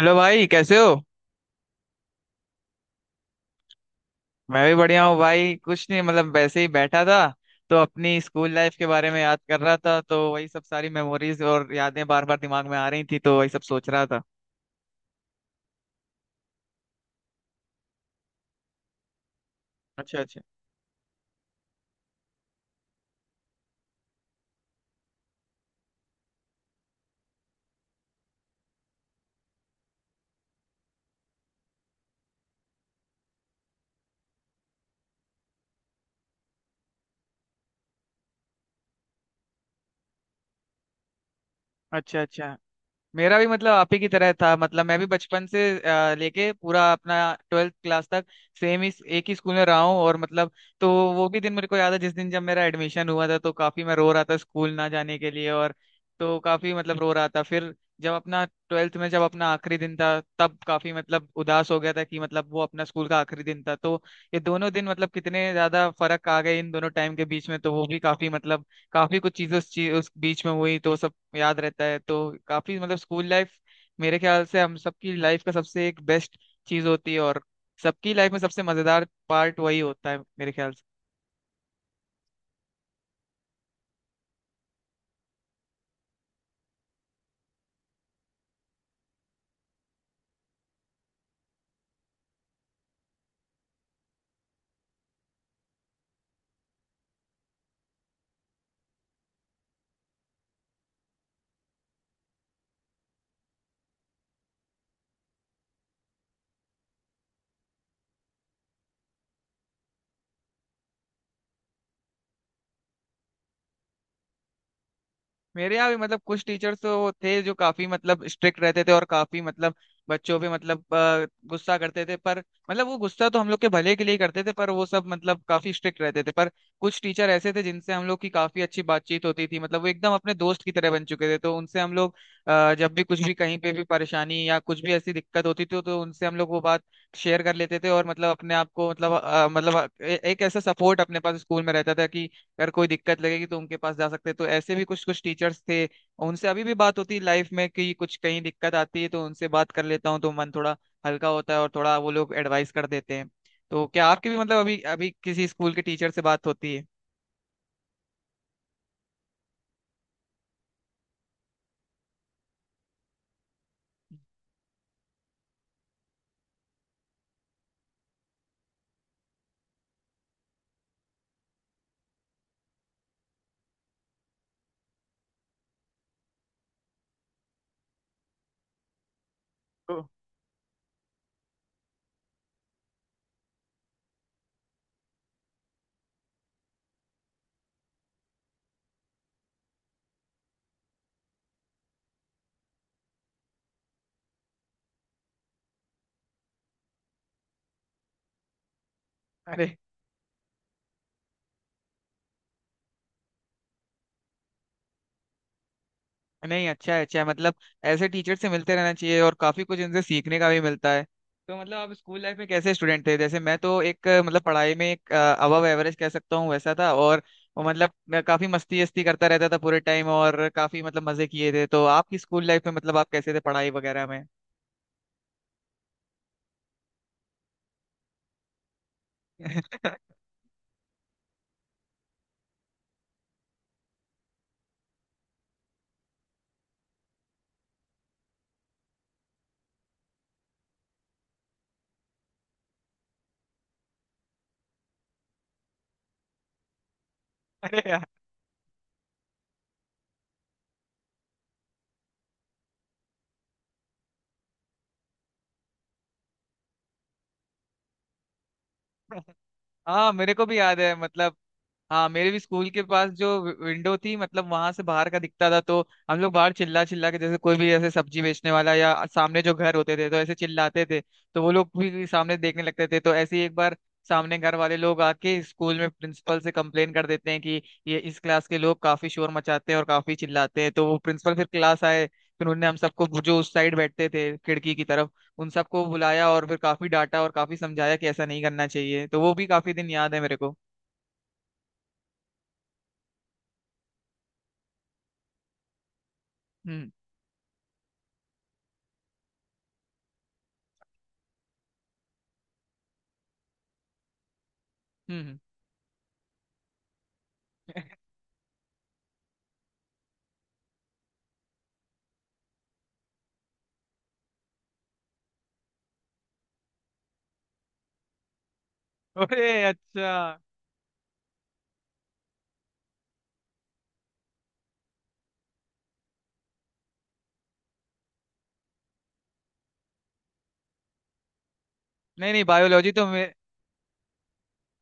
Hello भाई, कैसे हो? मैं भी बढ़िया हूँ भाई। कुछ नहीं, मतलब वैसे ही बैठा था। तो अपनी स्कूल लाइफ के बारे में याद कर रहा था, तो वही सब सारी मेमोरीज और यादें बार बार दिमाग में आ रही थी, तो वही सब सोच रहा था। अच्छा, अच्छा। अच्छा, अच्छा। मेरा भी, मतलब आप ही की तरह था। मतलब मैं भी बचपन से लेके पूरा अपना 12th क्लास तक सेम ही एक ही स्कूल में रहा हूँ। और मतलब तो वो भी दिन मेरे को याद है, जिस दिन जब मेरा एडमिशन हुआ था, तो काफी मैं रो रहा था स्कूल ना जाने के लिए। और तो काफी मतलब रो रहा था। फिर जब अपना 12th में जब अपना आखिरी दिन था, तब काफी मतलब उदास हो गया था कि मतलब वो अपना स्कूल का आखिरी दिन था। तो ये दोनों दिन मतलब कितने ज्यादा फर्क आ गए इन दोनों टाइम के बीच में, तो वो भी काफी मतलब काफी कुछ चीजें उस बीच में हुई, तो वो सब याद रहता है। तो काफी मतलब स्कूल लाइफ मेरे ख्याल से हम सबकी लाइफ का सबसे एक बेस्ट चीज होती है। और सबकी लाइफ में सबसे मजेदार पार्ट वही होता है मेरे ख्याल से। मेरे यहाँ भी मतलब कुछ टीचर्स तो थे जो काफी मतलब स्ट्रिक्ट रहते थे, और काफी मतलब बच्चों पे मतलब गुस्सा करते थे। पर मतलब वो गुस्सा तो हम लोग के भले के लिए ही करते थे, पर वो सब मतलब काफी स्ट्रिक्ट रहते थे। पर कुछ टीचर ऐसे थे जिनसे हम लोग की काफी अच्छी बातचीत होती थी, मतलब वो एकदम अपने दोस्त की तरह बन चुके थे। तो उनसे हम लोग जब भी कुछ भी कहीं पे भी परेशानी या कुछ भी ऐसी दिक्कत होती थी, तो उनसे हम लोग वो बात शेयर कर लेते थे। और मतलब अपने आप को मतलब मतलब एक ऐसा सपोर्ट अपने पास स्कूल में रहता था कि अगर कोई दिक्कत लगेगी तो उनके पास जा सकते हैं। तो ऐसे भी कुछ कुछ टीचर्स थे, और उनसे अभी भी बात होती है लाइफ में कि कुछ कहीं दिक्कत आती है तो उनसे बात कर लेता हूँ, तो मन थोड़ा हल्का होता है और थोड़ा वो लोग एडवाइस कर देते हैं। तो क्या आपके भी मतलब अभी अभी किसी स्कूल के टीचर से बात होती है? तो अरे, नहीं, अच्छा है, अच्छा है, मतलब ऐसे टीचर से मिलते रहना चाहिए और काफी कुछ इनसे सीखने का भी मिलता है। तो मतलब आप स्कूल लाइफ में कैसे स्टूडेंट थे? जैसे मैं तो एक मतलब पढ़ाई में एक अबव एवरेज कह सकता हूँ वैसा था, और वो मतलब मैं काफी मस्ती वस्ती करता रहता था पूरे टाइम, और काफी मतलब मजे किए थे। तो आपकी स्कूल लाइफ में मतलब आप कैसे थे पढ़ाई वगैरह में? अरे यार! हाँ, मेरे को भी याद है, मतलब हाँ, मेरे भी स्कूल के पास जो विंडो थी, मतलब वहां से बाहर का दिखता था। तो हम लोग बाहर चिल्ला चिल्ला के, जैसे कोई भी ऐसे सब्जी बेचने वाला या सामने जो घर होते थे, तो ऐसे चिल्लाते थे। तो वो लोग भी सामने देखने लगते थे। तो ऐसे ही एक बार सामने घर वाले लोग आके स्कूल में प्रिंसिपल से कंप्लेन कर देते हैं कि ये इस क्लास के लोग काफी शोर मचाते हैं और काफी चिल्लाते हैं। तो वो प्रिंसिपल फिर क्लास आए, फिर उन्होंने हम सबको जो उस साइड बैठते थे खिड़की की तरफ, उन सबको बुलाया और फिर काफी डांटा और काफी समझाया कि ऐसा नहीं करना चाहिए। तो वो भी काफी दिन याद है मेरे को। हम्म, हम्म, हम्म। अरे, अच्छा! नहीं, नहीं, बायोलॉजी तो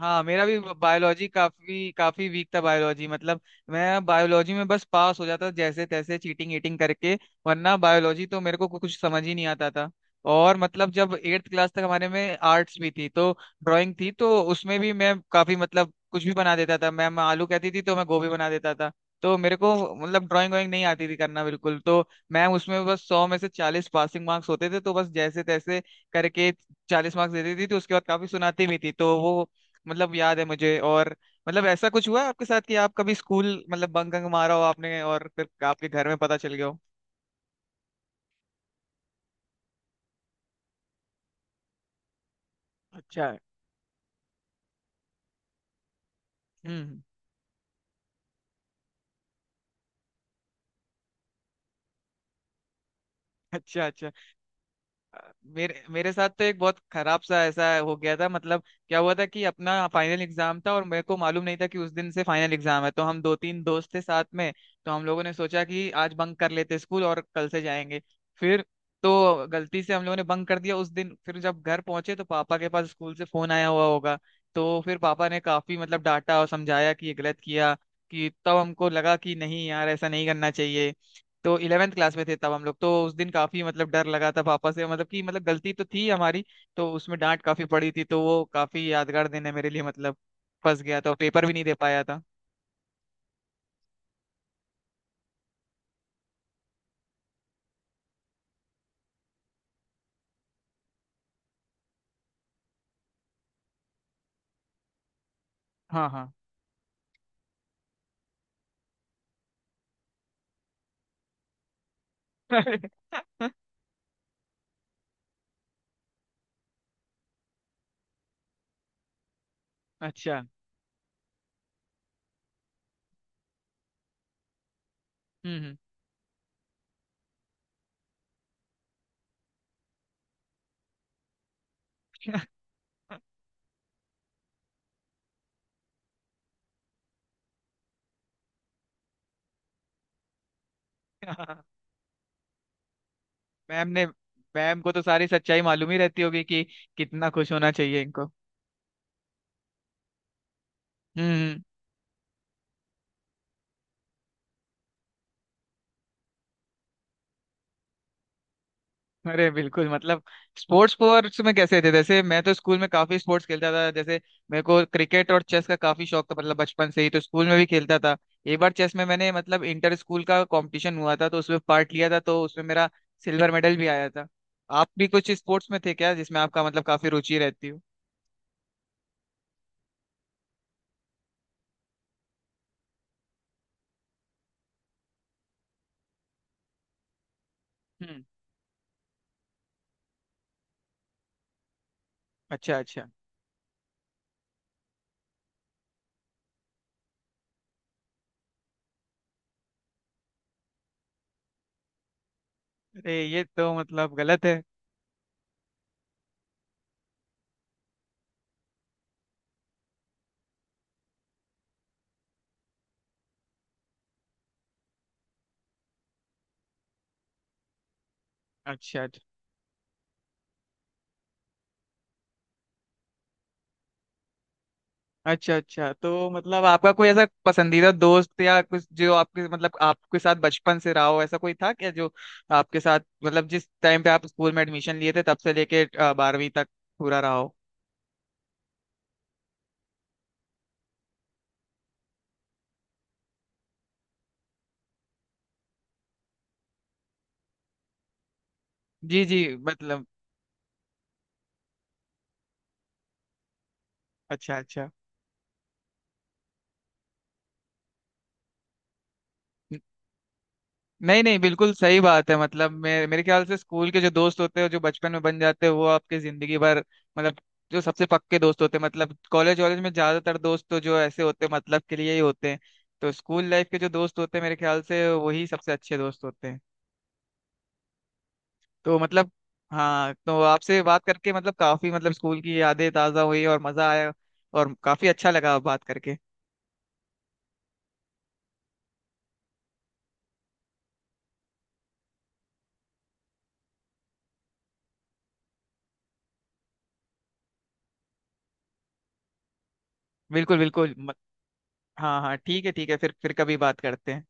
हाँ, मेरा भी बायोलॉजी काफी काफी वीक था। बायोलॉजी मतलब मैं बायोलॉजी में बस पास हो जाता था जैसे तैसे, चीटिंग ईटिंग करके, वरना बायोलॉजी तो मेरे को कुछ समझ ही नहीं आता था। और मतलब जब एट्थ क्लास तक हमारे में आर्ट्स भी थी, तो ड्राइंग थी, तो उसमें भी मैं काफी मतलब कुछ भी बना देता था। मैम आलू कहती थी तो मैं गोभी बना देता था। तो मेरे को मतलब ड्राइंग वाइंग नहीं आती थी करना बिल्कुल। तो मैम उसमें बस 100 में से 40 पासिंग मार्क्स होते थे, तो बस जैसे तैसे करके 40 मार्क्स देती थी। तो उसके बाद काफी सुनाती भी थी, तो वो मतलब याद है मुझे। और मतलब ऐसा कुछ हुआ है आपके साथ कि आप कभी स्कूल मतलब बंक वंक मारा हो आपने, और फिर आपके घर में पता चल गया हो? अच्छा। हम्म। अच्छा, अच्छा। मेरे मेरे साथ तो एक बहुत खराब सा ऐसा हो गया था मतलब। क्या हुआ था कि अपना फाइनल एग्जाम था, और मेरे को मालूम नहीं था कि उस दिन से फाइनल एग्जाम है। तो हम दो तीन दोस्त थे साथ में, तो हम लोगों ने सोचा कि आज बंक कर लेते स्कूल और कल से जाएंगे। फिर तो गलती से हम लोगों ने बंक कर दिया उस दिन। फिर जब घर पहुंचे तो पापा के पास स्कूल से फोन आया हुआ होगा। तो फिर पापा ने काफी मतलब डांटा और समझाया कि ये गलत किया। कि तब हमको लगा कि नहीं यार, ऐसा नहीं करना चाहिए। तो 11th क्लास में थे तब हम लोग। तो उस दिन काफी मतलब डर लगा था पापा से, मतलब कि मतलब गलती तो थी हमारी। तो उसमें डांट काफी पड़ी थी, तो वो काफी यादगार दिन है मेरे लिए मतलब। फंस गया था, पेपर भी नहीं दे पाया था। हाँ, हाँ। अच्छा। हम्म, हम्म। मैम ने मैम को तो सारी सच्चाई मालूम ही रहती होगी कि कितना खुश होना चाहिए इनको। हम्म, अरे बिल्कुल, मतलब स्पोर्ट्स स्पोर्ट्स में कैसे थे? जैसे मैं तो स्कूल में काफी स्पोर्ट्स खेलता था। जैसे मेरे को क्रिकेट और चेस का काफी शौक था, मतलब बचपन से ही। तो स्कूल में भी खेलता था। एक बार चेस में मैंने मतलब इंटर स्कूल का कंपटीशन हुआ था, तो उसमें पार्ट लिया था, तो उसमें मेरा सिल्वर मेडल भी आया था। आप भी कुछ स्पोर्ट्स में थे क्या जिसमें आपका मतलब काफी रुचि रहती हो? हम्म। अच्छा, अच्छा। अरे, ये तो मतलब गलत है। अच्छा, अच्छा। अच्छा तो मतलब आपका कोई ऐसा पसंदीदा दोस्त या कुछ जो आपके मतलब आपके साथ बचपन से रहा हो, ऐसा कोई था क्या जो आपके साथ मतलब जिस टाइम पे आप स्कूल में एडमिशन लिए थे तब से लेके 12वीं तक पूरा रहा हो? जी, जी। मतलब अच्छा, अच्छा। नहीं, नहीं, बिल्कुल सही बात है। मतलब मेरे मेरे ख्याल से स्कूल के जो दोस्त होते हैं, जो बचपन में बन जाते हैं, वो आपके जिंदगी भर मतलब जो सबसे पक्के दोस्त होते हैं। मतलब कॉलेज वॉलेज में ज्यादातर दोस्त तो जो ऐसे होते हैं, मतलब के लिए ही होते हैं। तो स्कूल लाइफ के जो दोस्त होते हैं मेरे ख्याल से वही सबसे अच्छे दोस्त होते हैं। तो मतलब हाँ, तो आपसे बात करके मतलब काफी मतलब स्कूल की यादें ताजा हुई और मजा आया, और काफी अच्छा लगा बात करके। बिल्कुल बिल्कुल हाँ, हाँ, ठीक है, ठीक है, फिर कभी बात करते हैं।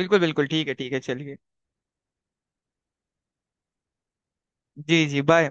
बिल्कुल बिल्कुल, ठीक है, ठीक है, चलिए। जी, जी, बाय।